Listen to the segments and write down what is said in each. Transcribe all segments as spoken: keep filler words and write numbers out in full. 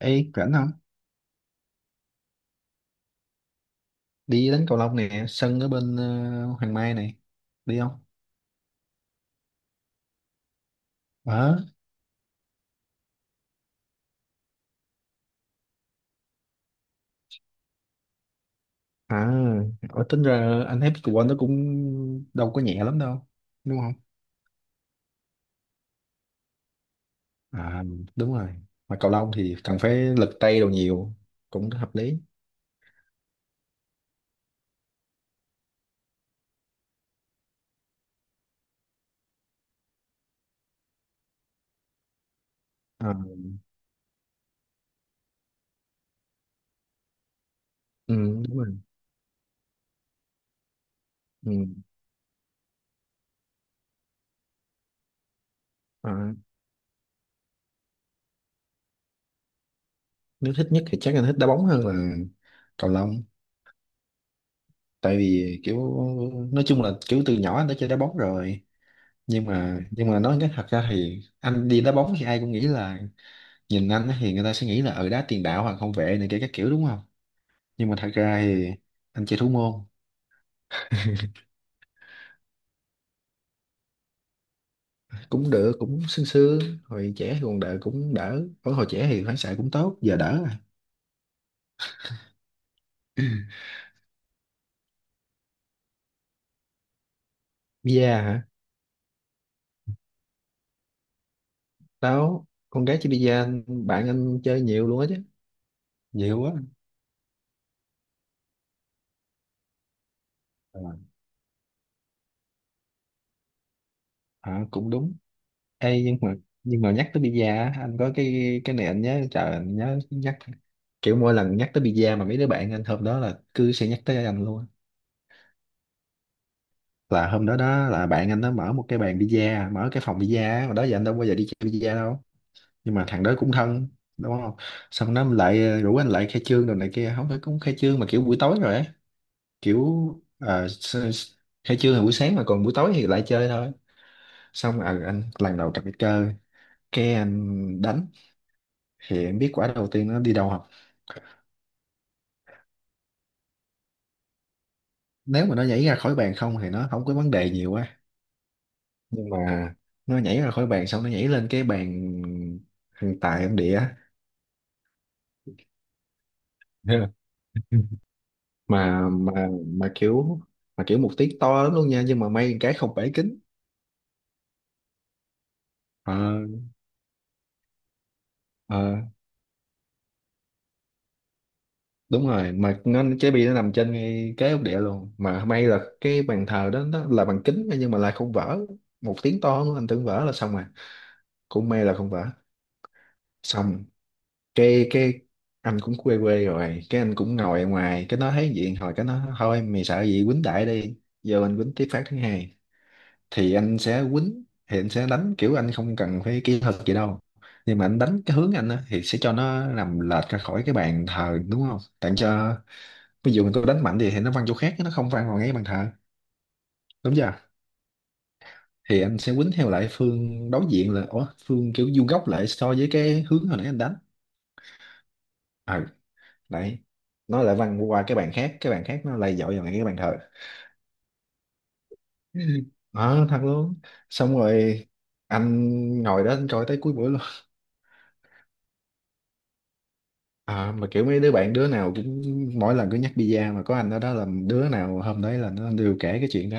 Ê, rảnh không? Đi đánh cầu lông nè, sân ở bên ờ, Hoàng Mai này. Đi không? Ờ. À, Ở tính ra anh thấy pickleball nó cũng đâu có nhẹ lắm đâu. Đúng không? À, đúng rồi. Mà cầu lông thì cần phải lực tay đồ nhiều. Cũng hợp lý. À, ừ, đúng rồi. Ừ. À, Nếu thích nhất thì chắc anh thích đá bóng hơn là cầu lông. Tại vì kiểu, nói chung là kiểu từ nhỏ anh đã chơi đá bóng rồi. Nhưng mà nhưng mà nói cái thật ra thì anh đi đá bóng thì ai cũng nghĩ là nhìn anh á thì người ta sẽ nghĩ là ở đá tiền đạo hoặc hậu vệ này kia các kiểu, đúng không? Nhưng mà thật ra thì anh chơi thủ môn. Cũng được, cũng sương sương. Hồi trẻ thì còn đỡ, cũng đỡ, ở hồi trẻ thì phản xạ cũng tốt, giờ đỡ rồi. Bia hả? Tao, con gái chơi bia, anh- bạn anh chơi nhiều luôn á chứ. Nhiều quá. Ờ. Ờ, cũng đúng. Ê, nhưng mà nhưng mà nhắc tới bida á, anh có cái cái này anh nhớ, trời anh nhớ nhắc, kiểu mỗi lần nhắc tới bida mà mấy đứa bạn anh hôm đó là cứ sẽ nhắc tới anh luôn á. Là hôm đó đó là bạn anh nó mở một cái bàn bida, mở cái phòng bida á, mà đó giờ anh đâu bao giờ đi chơi bida đâu. Nhưng mà thằng đó cũng thân, đúng không, xong nó lại ờ, rủ anh lại khai trương rồi này kia. Không phải cũng khai trương mà kiểu buổi tối rồi á, kiểu ờ, s- s- khai trương là buổi sáng mà còn buổi tối thì lại chơi thôi. Xong ờ, anh lần đầu tập cái cơ, cái anh đánh thì em biết quả đầu tiên nó đi đâu không? Nếu mà nó nhảy ra khỏi bàn không thì nó không có vấn đề nhiều quá, nhưng mà nó nhảy ra khỏi bàn xong nó nhảy lên cái bàn thằng tài em đĩa. mà mà mà kiểu, mà kiểu một tiếng to lắm luôn nha, nhưng mà may cái không bể kính. Ờ, ờ, đúng rồi, mà nó trái bi nó nằm trên ngay cái ốc địa luôn, mà may là cái bàn thờ đó nó là bằng kính nhưng mà lại không vỡ. Một tiếng to nữa anh tưởng vỡ là xong rồi. Cũng may là không vỡ. Xong cái cái anh cũng quê quê rồi, cái anh cũng ngồi ở ngoài, cái nó thấy vậy hồi cái nó thôi mày sợ gì quýnh đại đi, giờ mình quýnh tiếp phát thứ hai. Thì anh sẽ quýnh, thì anh sẽ đánh kiểu anh không cần phải kỹ thuật gì đâu, nhưng mà anh đánh cái hướng anh á, thì sẽ cho nó nằm lệch ra khỏi cái bàn thờ, đúng không, tặng cho. Ví dụ mình có đánh mạnh gì thì nó văng chỗ khác, nó không văng vào ngay bàn thờ. Đúng chưa? Thì anh sẽ quýnh theo lại phương đối diện, là ủa phương kiểu vuông góc lại so với cái hướng hồi nãy anh đánh. Ừ, đấy, nó lại văng qua cái bàn khác, cái bàn khác nó lại dội vào ngay cái bàn thờ. Ờ thật luôn. Xong rồi anh ngồi đó anh coi tới cuối buổi luôn. À, mà kiểu mấy đứa bạn đứa nào cũng, mỗi lần cứ nhắc pizza mà có anh ở đó là đứa nào hôm đấy là nó đều kể cái chuyện đó.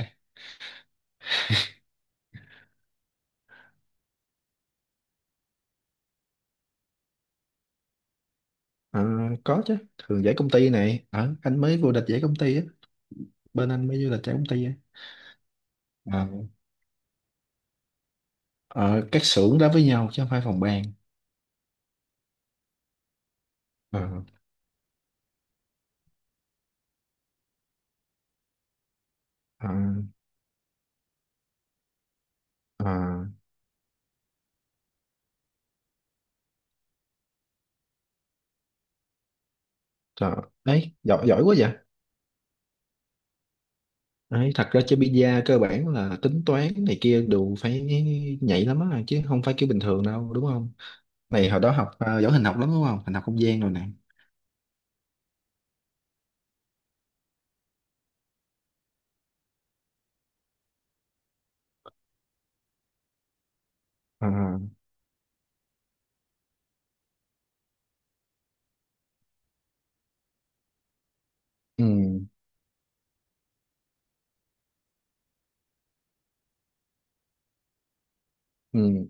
Ờ, có chứ, thường giải công ty này. Ờ, anh mới vô địch giải công ty á, bên anh mới vô địch giải công ty á. Ờ, ờ, các xưởng đá với nhau chứ không phải phòng ban. Ờ, ờ, ờ, trời, đấy giỏi, giỏi quá vậy. Đấy, thật ra chơi pizza cơ bản là tính toán này kia đều phải nhạy lắm á, chứ không phải kiểu bình thường đâu, đúng không? Này hồi đó học ờ, giỏi hình học lắm đúng không, hình học không gian rồi nè. Ờ, ừ. Ừ,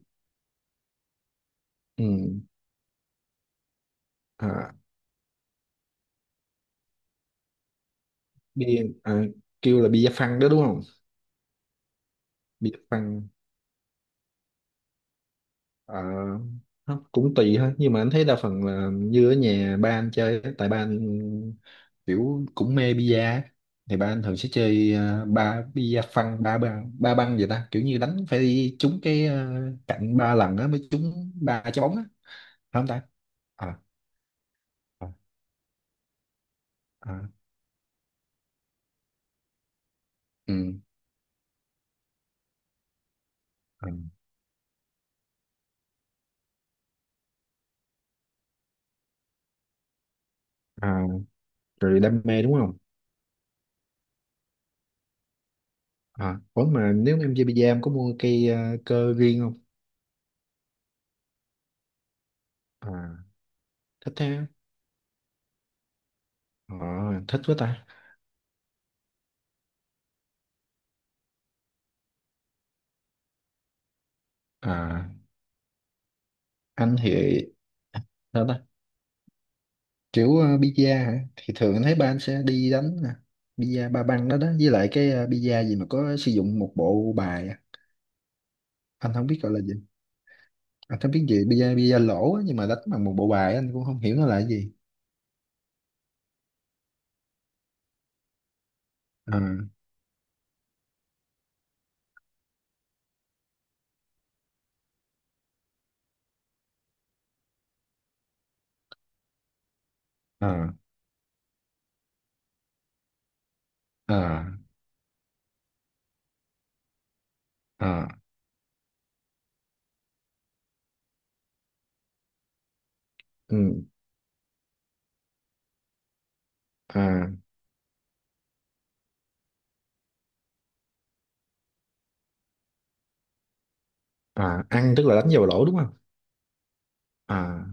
ừ, à, bia à, kêu là bia phăng đó đúng không? Bia phăng, à, nó cũng tùy thôi, nhưng mà anh thấy đa phần là như ở nhà ba anh chơi á, tại ba anh kiểu cũng mê bia á. Thì ba anh thường sẽ chơi à, ba bia phăng ba ba ba băng vậy ta, kiểu như đánh phải đi trúng cái à, cạnh ba lần á mới trúng ba trái bóng á. Phải không ta? À, à, à, ừ, à, à, rồi đam mê đúng không? À, ủa mà nếu em chơi bi em có mua cây ờ, cơ riêng không? À, thích thế. À, thích quá ta. À, anh thì sao ta? Kiểu uh, a hả? Thì thường anh thấy ba anh sẽ đi đánh nè. A ba băng đó đó. Với lại cái uh, a gì mà có sử dụng một bộ bài á. Anh không biết gọi là gì. Anh không biết gì. Bi-a, bida, a lỗ á, nhưng mà đánh bằng một bộ bài á, anh cũng không hiểu nó là cái gì. À, à, à, à, ừ, à, à, ăn tức là đánh vào lỗ đúng không? À,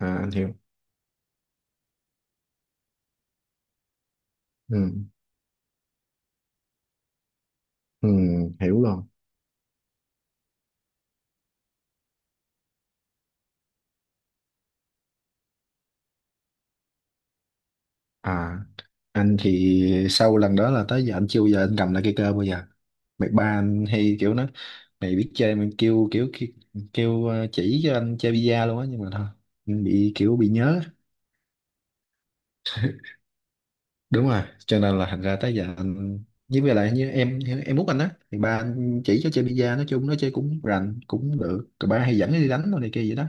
à anh hiểu. Ừ. Ừ, hiểu rồi. À, anh thì sau lần đó là tới giờ anh chưa bao giờ anh cầm lại cây cơ bao giờ. Mày ba anh hay kiểu nói, mày biết chơi mình kêu kiểu kêu, kêu ờ, chỉ cho anh chơi bida luôn á, nhưng mà thôi anh bị kiểu bị nhớ. Đúng rồi, cho nên là thành ra tới giờ anh, với lại lại như em em út anh á thì ba anh chỉ cho chơi bida, nói chung nó chơi cũng rành cũng được rồi, ba hay dẫn nó đi đánh đồ này kia vậy đó.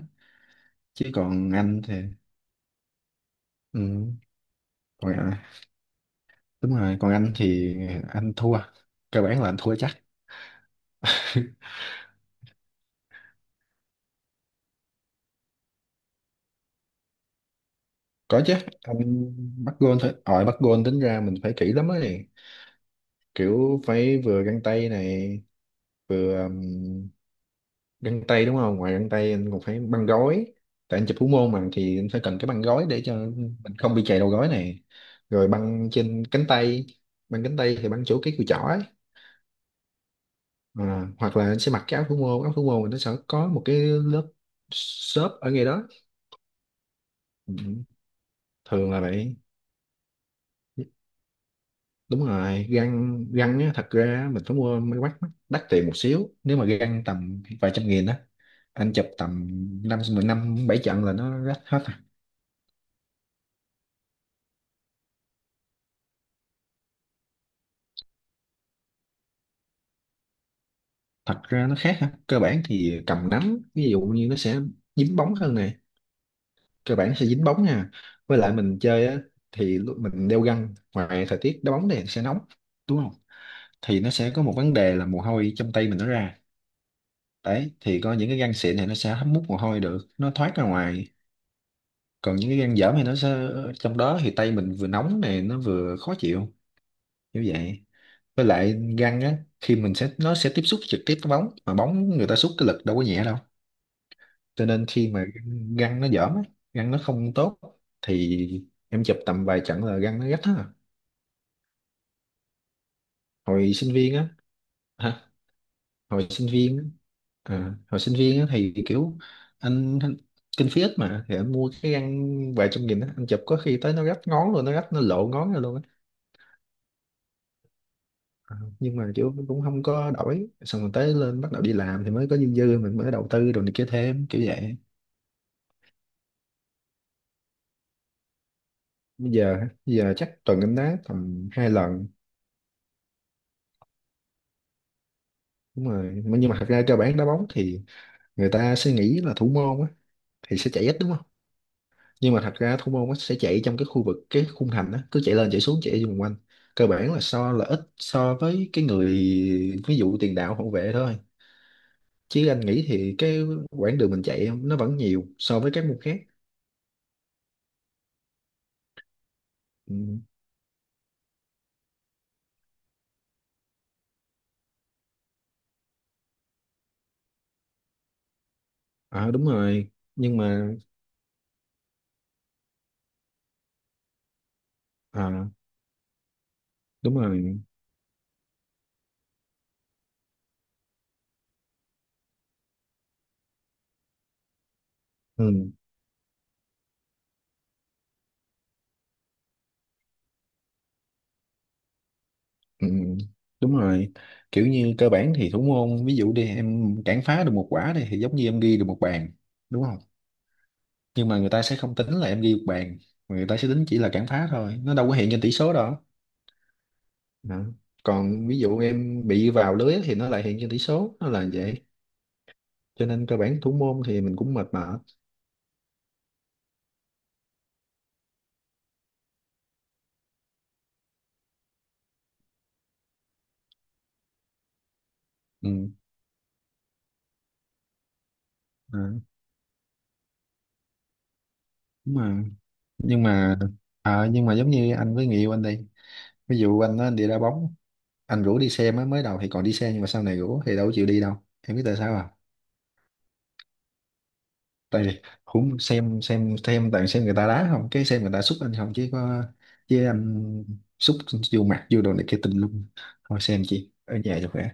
Chứ còn anh thì, ừ, còn, à, đúng rồi còn anh thì anh thua, cơ bản là anh thua chắc. Có chứ. Anh bắt gôn thôi, ờ bắt gôn tính ra mình phải kỹ lắm ấy, kiểu phải vừa găng tay này vừa um, găng tay đúng không, ngoài găng tay anh còn phải băng gối. Tại anh chụp thủ môn mà thì anh phải cần cái băng gối để cho mình không bị chày đầu gối này, rồi băng trên cánh tay. Băng cánh tay thì băng chỗ cái cùi chỏ ấy. À, hoặc là anh sẽ mặc cái áo thủ môn, áo thủ môn thì nó sẽ có một cái lớp xốp ở ngay đó. Ừ, thường là vậy. Đúng rồi, găng găng á, thật ra á, mình phải mua máy quét mắt đắt tiền một xíu, nếu mà găng tầm vài trăm nghìn á, anh chụp tầm năm mười năm bảy trận là nó rách hết à. Thật ra nó khác ha, cơ bản thì cầm nắm ví dụ như nó sẽ dính bóng hơn này, cơ bản nó sẽ dính bóng nha. Với lại mình chơi á, thì lúc mình đeo găng ngoài thời tiết đá bóng này sẽ nóng, đúng không, thì nó sẽ có một vấn đề là mồ hôi trong tay mình nó ra. Đấy thì có những cái găng xịn này nó sẽ hấp mút mồ hôi được, nó thoát ra ngoài. Còn những cái gan dởm thì nó sẽ, trong đó thì tay mình vừa nóng này nó vừa khó chịu như vậy. Với lại gan á khi mình sẽ nó sẽ tiếp xúc trực tiếp với bóng, mà bóng người ta xúc cái lực đâu có nhẹ đâu, cho nên khi mà gan nó dởm á, gan nó không tốt thì em chụp tầm vài trận là gan nó rách á. Hồi sinh viên á, hả? Hồi sinh viên á, à, hồi sinh viên á thì kiểu anh, anh kinh phí ít mà, thì anh mua cái găng vài trăm nghìn á, anh chụp có khi tới nó rách ngón luôn, nó rách nó lộ ngón ra luôn á. Nhưng mà kiểu cũng không có đổi, xong rồi tới lên bắt đầu đi làm thì mới có dư dư mình mới đầu tư rồi này kia thêm kiểu vậy. Bây giờ, bây giờ chắc tuần em đá tầm hai lần. Đúng rồi, nhưng mà thật ra cơ bản đá bóng thì người ta sẽ nghĩ là thủ môn á thì sẽ chạy ít, đúng không, nhưng mà thật ra thủ môn á sẽ chạy trong cái khu vực cái khung thành á, cứ chạy lên chạy xuống chạy vòng quanh, cơ bản là so là ít so với cái người, ví dụ tiền đạo hậu vệ thôi, chứ anh nghĩ thì cái quãng đường mình chạy nó vẫn nhiều so với các môn khác. Ừ. À đúng rồi. Nhưng mà à đúng rồi, ừ, ừ, đúng rồi. Kiểu như cơ bản thì thủ môn ví dụ đi em cản phá được một quả đi thì giống như em ghi được một bàn, đúng không, nhưng mà người ta sẽ không tính là em ghi một bàn, mà người ta sẽ tính chỉ là cản phá thôi, nó đâu có hiện trên tỷ số đó. Đó. Còn ví dụ em bị vào lưới thì nó lại hiện trên tỷ số, nó là vậy. Cho nên cơ bản thủ môn thì mình cũng mệt mỏi. Ừ. À, đúng mà, nhưng mà, à, nhưng mà giống như anh với người yêu anh đi, ví dụ anh nó đi đá bóng, anh rủ đi xem á, mới đầu thì còn đi xem nhưng mà sau này rủ thì đâu có chịu đi đâu. Em biết tại sao à? Tại vì cũng xem xem xem toàn xem người ta đá không, cái xem người ta xúc anh không chứ có, chứ anh xúc vô mặt vô đồ này kia tùm lum, thôi xem chị ở nhà cho khỏe.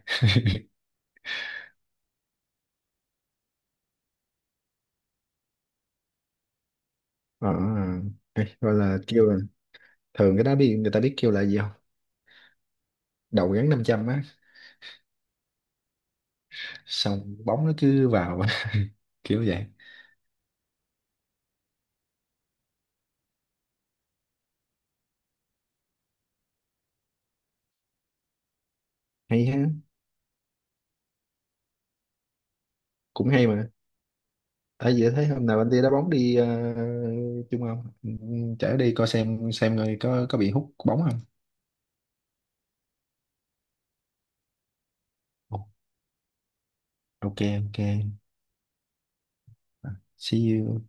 Ờ, ấy, gọi là kêu là, thường cái đá biên người ta biết kêu là gì không? Đầu gắn năm trăm á. Xong bóng nó cứ vào. Kiểu vậy. Hay ha. Cũng hay mà. À, vậy thấy hôm nào anh đi đá bóng đi ờ, chung không? Ừ, chở đi coi xem xem người có có bị hút bóng không? Ồ, ok ok. See you.